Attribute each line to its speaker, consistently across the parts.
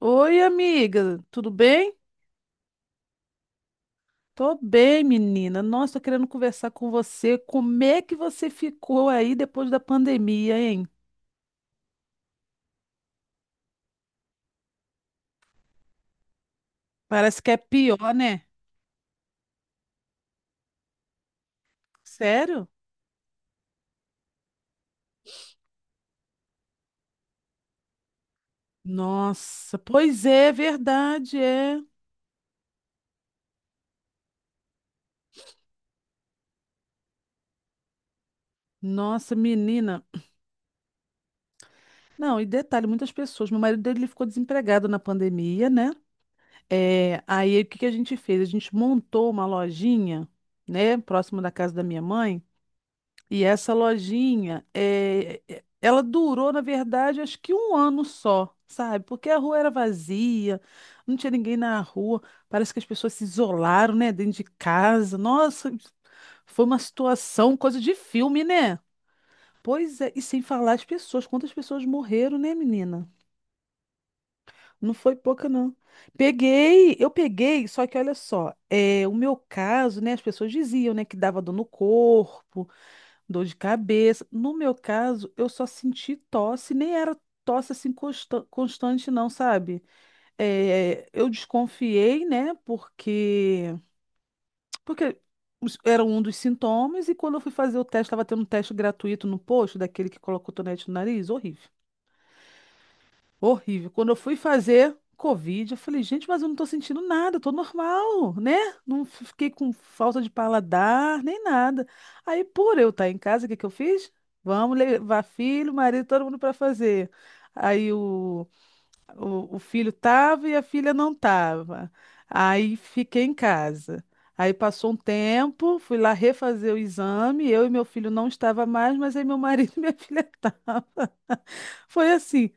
Speaker 1: Oi, amiga, tudo bem? Tô bem, menina. Nossa, tô querendo conversar com você. Como é que você ficou aí depois da pandemia, hein? Parece que é pior, né? Sério? Nossa, pois é, verdade, é. Nossa, menina. Não, e detalhe, muitas pessoas. Meu marido dele ele ficou desempregado na pandemia, né? É, aí o que que a gente fez? A gente montou uma lojinha, né, próximo da casa da minha mãe. E essa lojinha, ela durou, na verdade, acho que um ano só, sabe? Porque a rua era vazia, não tinha ninguém na rua, parece que as pessoas se isolaram, né, dentro de casa. Nossa, foi uma situação, coisa de filme, né? Pois é, e sem falar as pessoas, quantas pessoas morreram, né, menina? Não foi pouca, não. Peguei, eu peguei, só que olha só, é, o meu caso, né, as pessoas diziam, né, que dava dor no corpo, dor de cabeça. No meu caso, eu só senti tosse, nem era tosse assim constante, não, sabe? É, eu desconfiei, né? Porque era um dos sintomas, e quando eu fui fazer o teste, estava tendo um teste gratuito no posto, daquele que coloca o cotonete no nariz, horrível. Horrível. Quando eu fui fazer Covid, eu falei, gente, mas eu não tô sentindo nada, eu tô normal, né? Não f- Fiquei com falta de paladar, nem nada. Aí, por eu estar em casa, o que que eu fiz? Vamos levar filho, marido, todo mundo para fazer. Aí o filho tava e a filha não tava. Aí fiquei em casa. Aí passou um tempo, fui lá refazer o exame, eu e meu filho não estava mais, mas aí meu marido e minha filha estavam. Foi assim.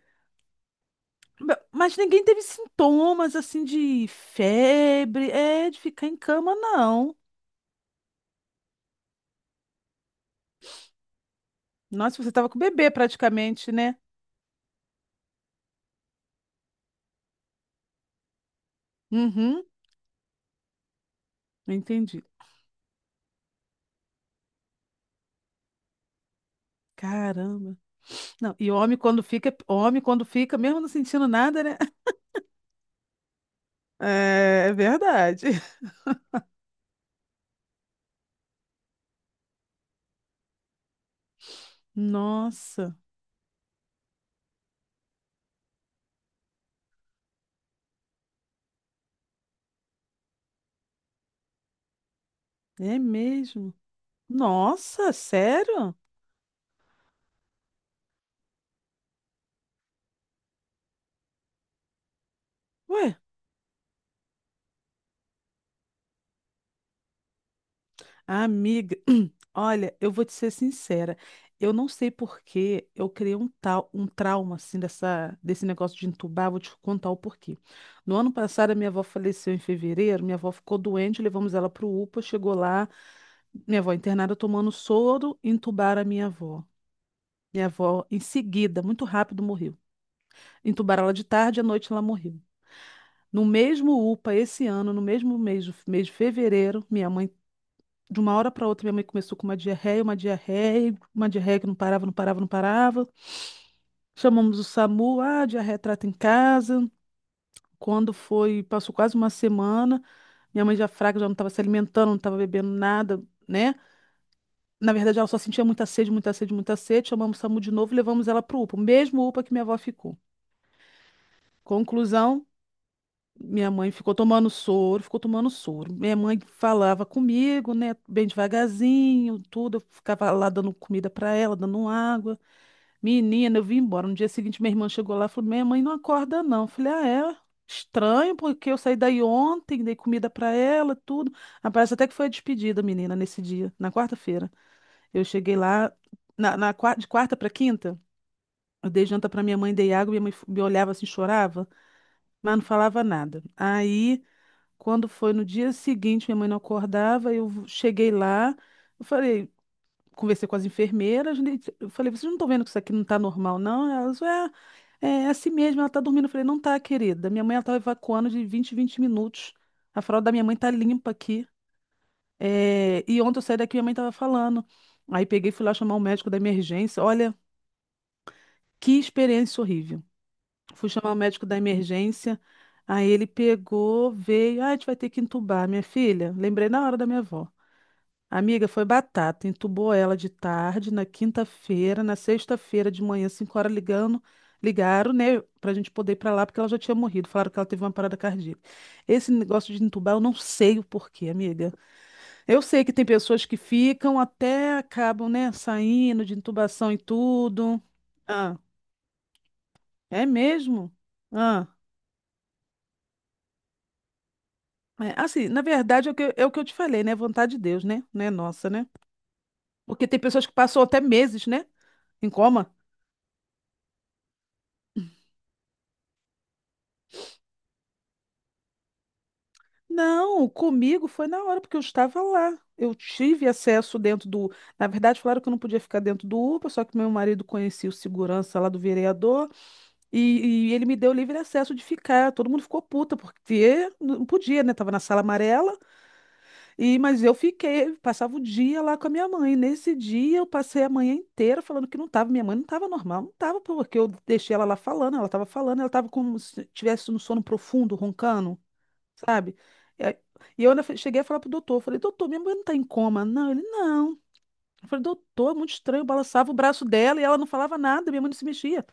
Speaker 1: Mas ninguém teve sintomas assim de febre, é, de ficar em cama, não. Nossa, você tava com o bebê praticamente, né? Uhum, entendi. Caramba. Não, e homem quando fica, mesmo não sentindo nada, né? É, é verdade. Nossa, é mesmo. Nossa, sério? Ué, amiga, olha, eu vou te ser sincera. Eu não sei por que eu criei um tal, um trauma assim dessa, desse negócio de entubar, vou te contar o porquê. No ano passado a minha avó faleceu em fevereiro, minha avó ficou doente, levamos ela para o UPA, chegou lá, minha avó internada tomando soro, entubaram a minha avó. Minha avó em seguida, muito rápido, morreu. Entubaram ela de tarde, à noite ela morreu. No mesmo UPA, esse ano, no mesmo mês, mês de fevereiro, minha mãe de uma hora para outra, minha mãe começou com uma diarreia, uma diarreia, uma diarreia que não parava, não parava, não parava. Chamamos o SAMU, ah, diarreia trata em casa. Quando foi, passou quase uma semana, minha mãe já fraca, já não estava se alimentando, não estava bebendo nada, né? Na verdade, ela só sentia muita sede, muita sede, muita sede. Chamamos o SAMU de novo e levamos ela para o UPA, o mesmo UPA que minha avó ficou. Conclusão, minha mãe ficou tomando soro, ficou tomando soro. Minha mãe falava comigo, né, bem devagarzinho, tudo. Eu ficava lá dando comida para ela, dando água. Menina, eu vim embora. No dia seguinte, minha irmã chegou lá e falou: Minha mãe não acorda, não. Eu falei: Ah, é? Estranho, porque eu saí daí ontem, dei comida pra ela, tudo. Ah, parece até que foi a despedida, menina, nesse dia, na quarta-feira. Eu cheguei lá, na, de quarta pra quinta, eu dei janta pra minha mãe, dei água, minha mãe me olhava assim, chorava, mas não falava nada. Aí, quando foi no dia seguinte, minha mãe não acordava, eu cheguei lá, eu falei conversei com as enfermeiras, né, eu falei, vocês não estão vendo que isso aqui não está normal, não? Elas, é, é assim mesmo, ela está dormindo. Eu falei, não tá, querida. Minha mãe ela estava evacuando de 20 em 20 minutos. A fralda da minha mãe tá limpa aqui. É, e ontem eu saí daqui, minha mãe estava falando. Aí peguei e fui lá chamar o médico da emergência. Olha, que experiência horrível. Fui chamar o médico da emergência. Aí ele pegou, veio, ah, a gente vai ter que entubar, minha filha. Lembrei na hora da minha avó. Amiga, foi batata. Entubou ela de tarde, na quinta-feira, na sexta-feira de manhã, 5 horas ligando, ligaram, né, pra gente poder ir pra lá, porque ela já tinha morrido. Falaram que ela teve uma parada cardíaca. Esse negócio de entubar, eu não sei o porquê, amiga. Eu sei que tem pessoas que ficam até acabam, né, saindo de intubação e tudo. Ah, é mesmo? Ah. É, assim, na verdade, é o que, é o que eu te falei, né? Vontade de Deus, né? Não é nossa, né? Porque tem pessoas que passam até meses, né? Em coma. Não, comigo foi na hora, porque eu estava lá. Eu tive acesso dentro do. Na verdade, falaram que eu não podia ficar dentro do UPA, só que meu marido conhecia o segurança lá do vereador e ele me deu livre acesso de ficar. Todo mundo ficou puta, porque não podia, né? Tava na sala amarela, e mas eu fiquei, passava o dia lá com a minha mãe. Nesse dia, eu passei a manhã inteira falando que não tava. Minha mãe não tava normal, não tava, porque eu deixei ela lá falando, ela tava como se tivesse no sono profundo, roncando sabe? E aí- e eu ainda cheguei a falar pro doutor, falei, doutor, minha mulher não tá em coma. Não, ele, não. Eu falei, doutor, é muito estranho, eu balançava o braço dela e ela não falava nada, minha mãe não se mexia.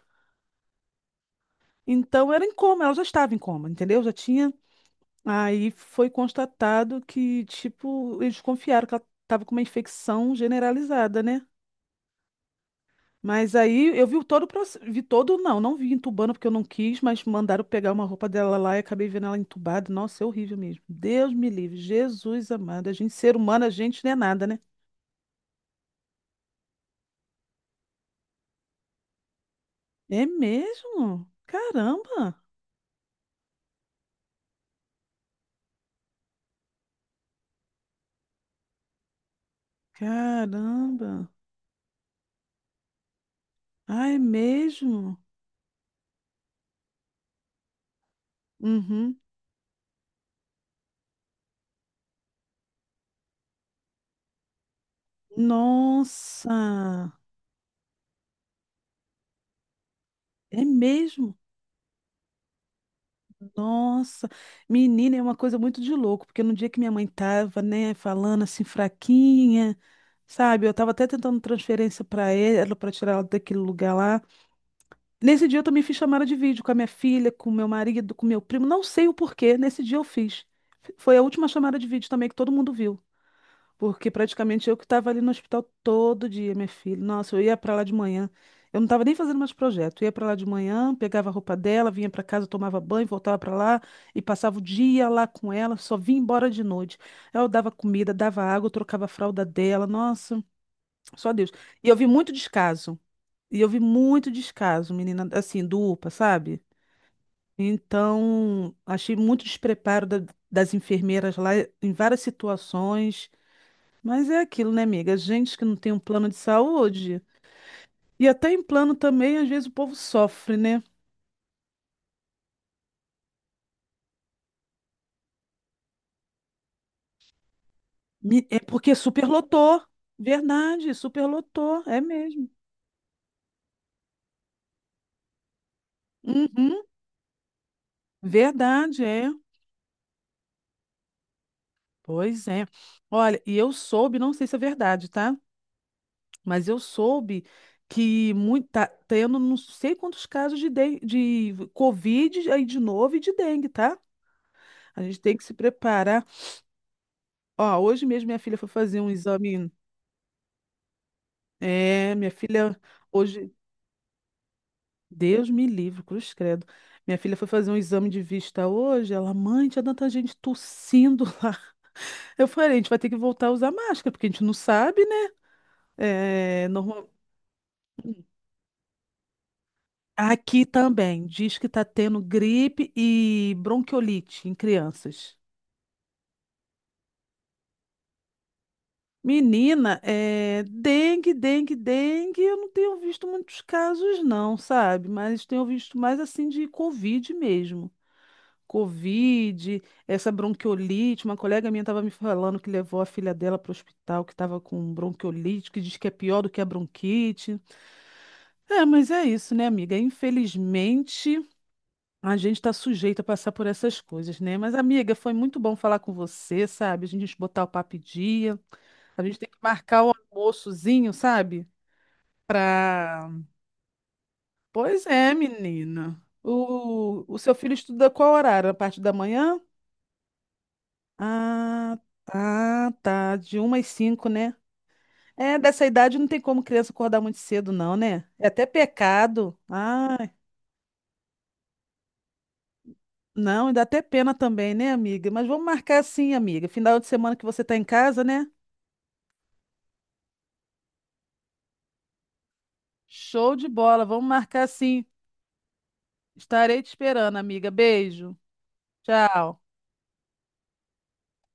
Speaker 1: Então era em coma, ela já estava em coma, entendeu? Já tinha. Aí foi constatado que, tipo, eles desconfiaram que ela estava com uma infecção generalizada, né? Mas aí eu vi todo o processo, vi todo, não, não vi entubando porque eu não quis, mas mandaram pegar uma roupa dela lá e acabei vendo ela entubada. Nossa, é horrível mesmo. Deus me livre, Jesus amado. A gente, ser humano, a gente não é nada, né? É mesmo? Caramba! Caramba! Ah, é mesmo? Uhum. Nossa! É mesmo? Nossa, menina, é uma coisa muito de louco, porque no dia que minha mãe tava, né, falando assim, fraquinha, sabe, eu tava até tentando transferência pra ela, pra tirar ela daquele lugar lá. Nesse dia eu também fiz chamada de vídeo com a minha filha, com meu marido, com meu primo, não sei o porquê, nesse dia eu fiz. Foi a última chamada de vídeo também que todo mundo viu. Porque praticamente eu que estava ali no hospital todo dia, minha filha. Nossa, eu ia para lá de manhã. Eu não estava nem fazendo mais projeto. Eu ia para lá de manhã, pegava a roupa dela, vinha para casa, tomava banho, voltava para lá e passava o dia lá com ela, só vinha embora de noite. Eu dava comida, dava água, eu trocava a fralda dela. Nossa, só Deus. E eu vi muito descaso. E eu vi muito descaso, menina, assim, do UPA, sabe? Então, achei muito despreparo das enfermeiras lá em várias situações. Mas é aquilo, né, amiga? Gente que não tem um plano de saúde. E até em plano também, às vezes o povo sofre, né? É porque superlotou. Verdade, superlotou. É mesmo. Uhum, verdade, é. Pois é. Olha, e eu soube, não sei se é verdade, tá? Mas eu soube que muito, tá tendo não sei quantos casos de, de Covid aí de novo e de dengue, tá? A gente tem que se preparar. Ó, hoje mesmo minha filha foi fazer um exame. É, minha filha, hoje, Deus me livre, cruz credo. Minha filha foi fazer um exame de vista hoje. Ela, mãe, tinha tanta gente tossindo lá. Eu falei, a gente vai ter que voltar a usar máscara, porque a gente não sabe, né? É, normal... Aqui também, diz que tá tendo gripe e bronquiolite em crianças. Menina, é dengue, dengue, dengue. Eu não tenho visto muitos casos, não, sabe? Mas tenho visto mais assim de Covid mesmo. Covid, essa bronquiolite. Uma colega minha estava me falando que levou a filha dela para o hospital, que estava com bronquiolite, que diz que é pior do que a bronquite. É, mas é isso, né, amiga? Infelizmente, a gente está sujeito a passar por essas coisas, né? Mas, amiga, foi muito bom falar com você, sabe? A gente botar o papo em dia. A gente tem que marcar o almoçozinho, sabe? Pra... Pois é, menina. O seu filho estuda qual horário? A parte da manhã? Ah, tá, tá. Da 1 às 5, né? É, dessa idade não tem como criança acordar muito cedo, não, né? É até pecado. Ai, não, e dá até pena também, né, amiga? Mas vamos marcar assim, amiga. Final de semana que você tá em casa, né? Show de bola, vamos marcar assim. Estarei te esperando, amiga. Beijo. Tchau.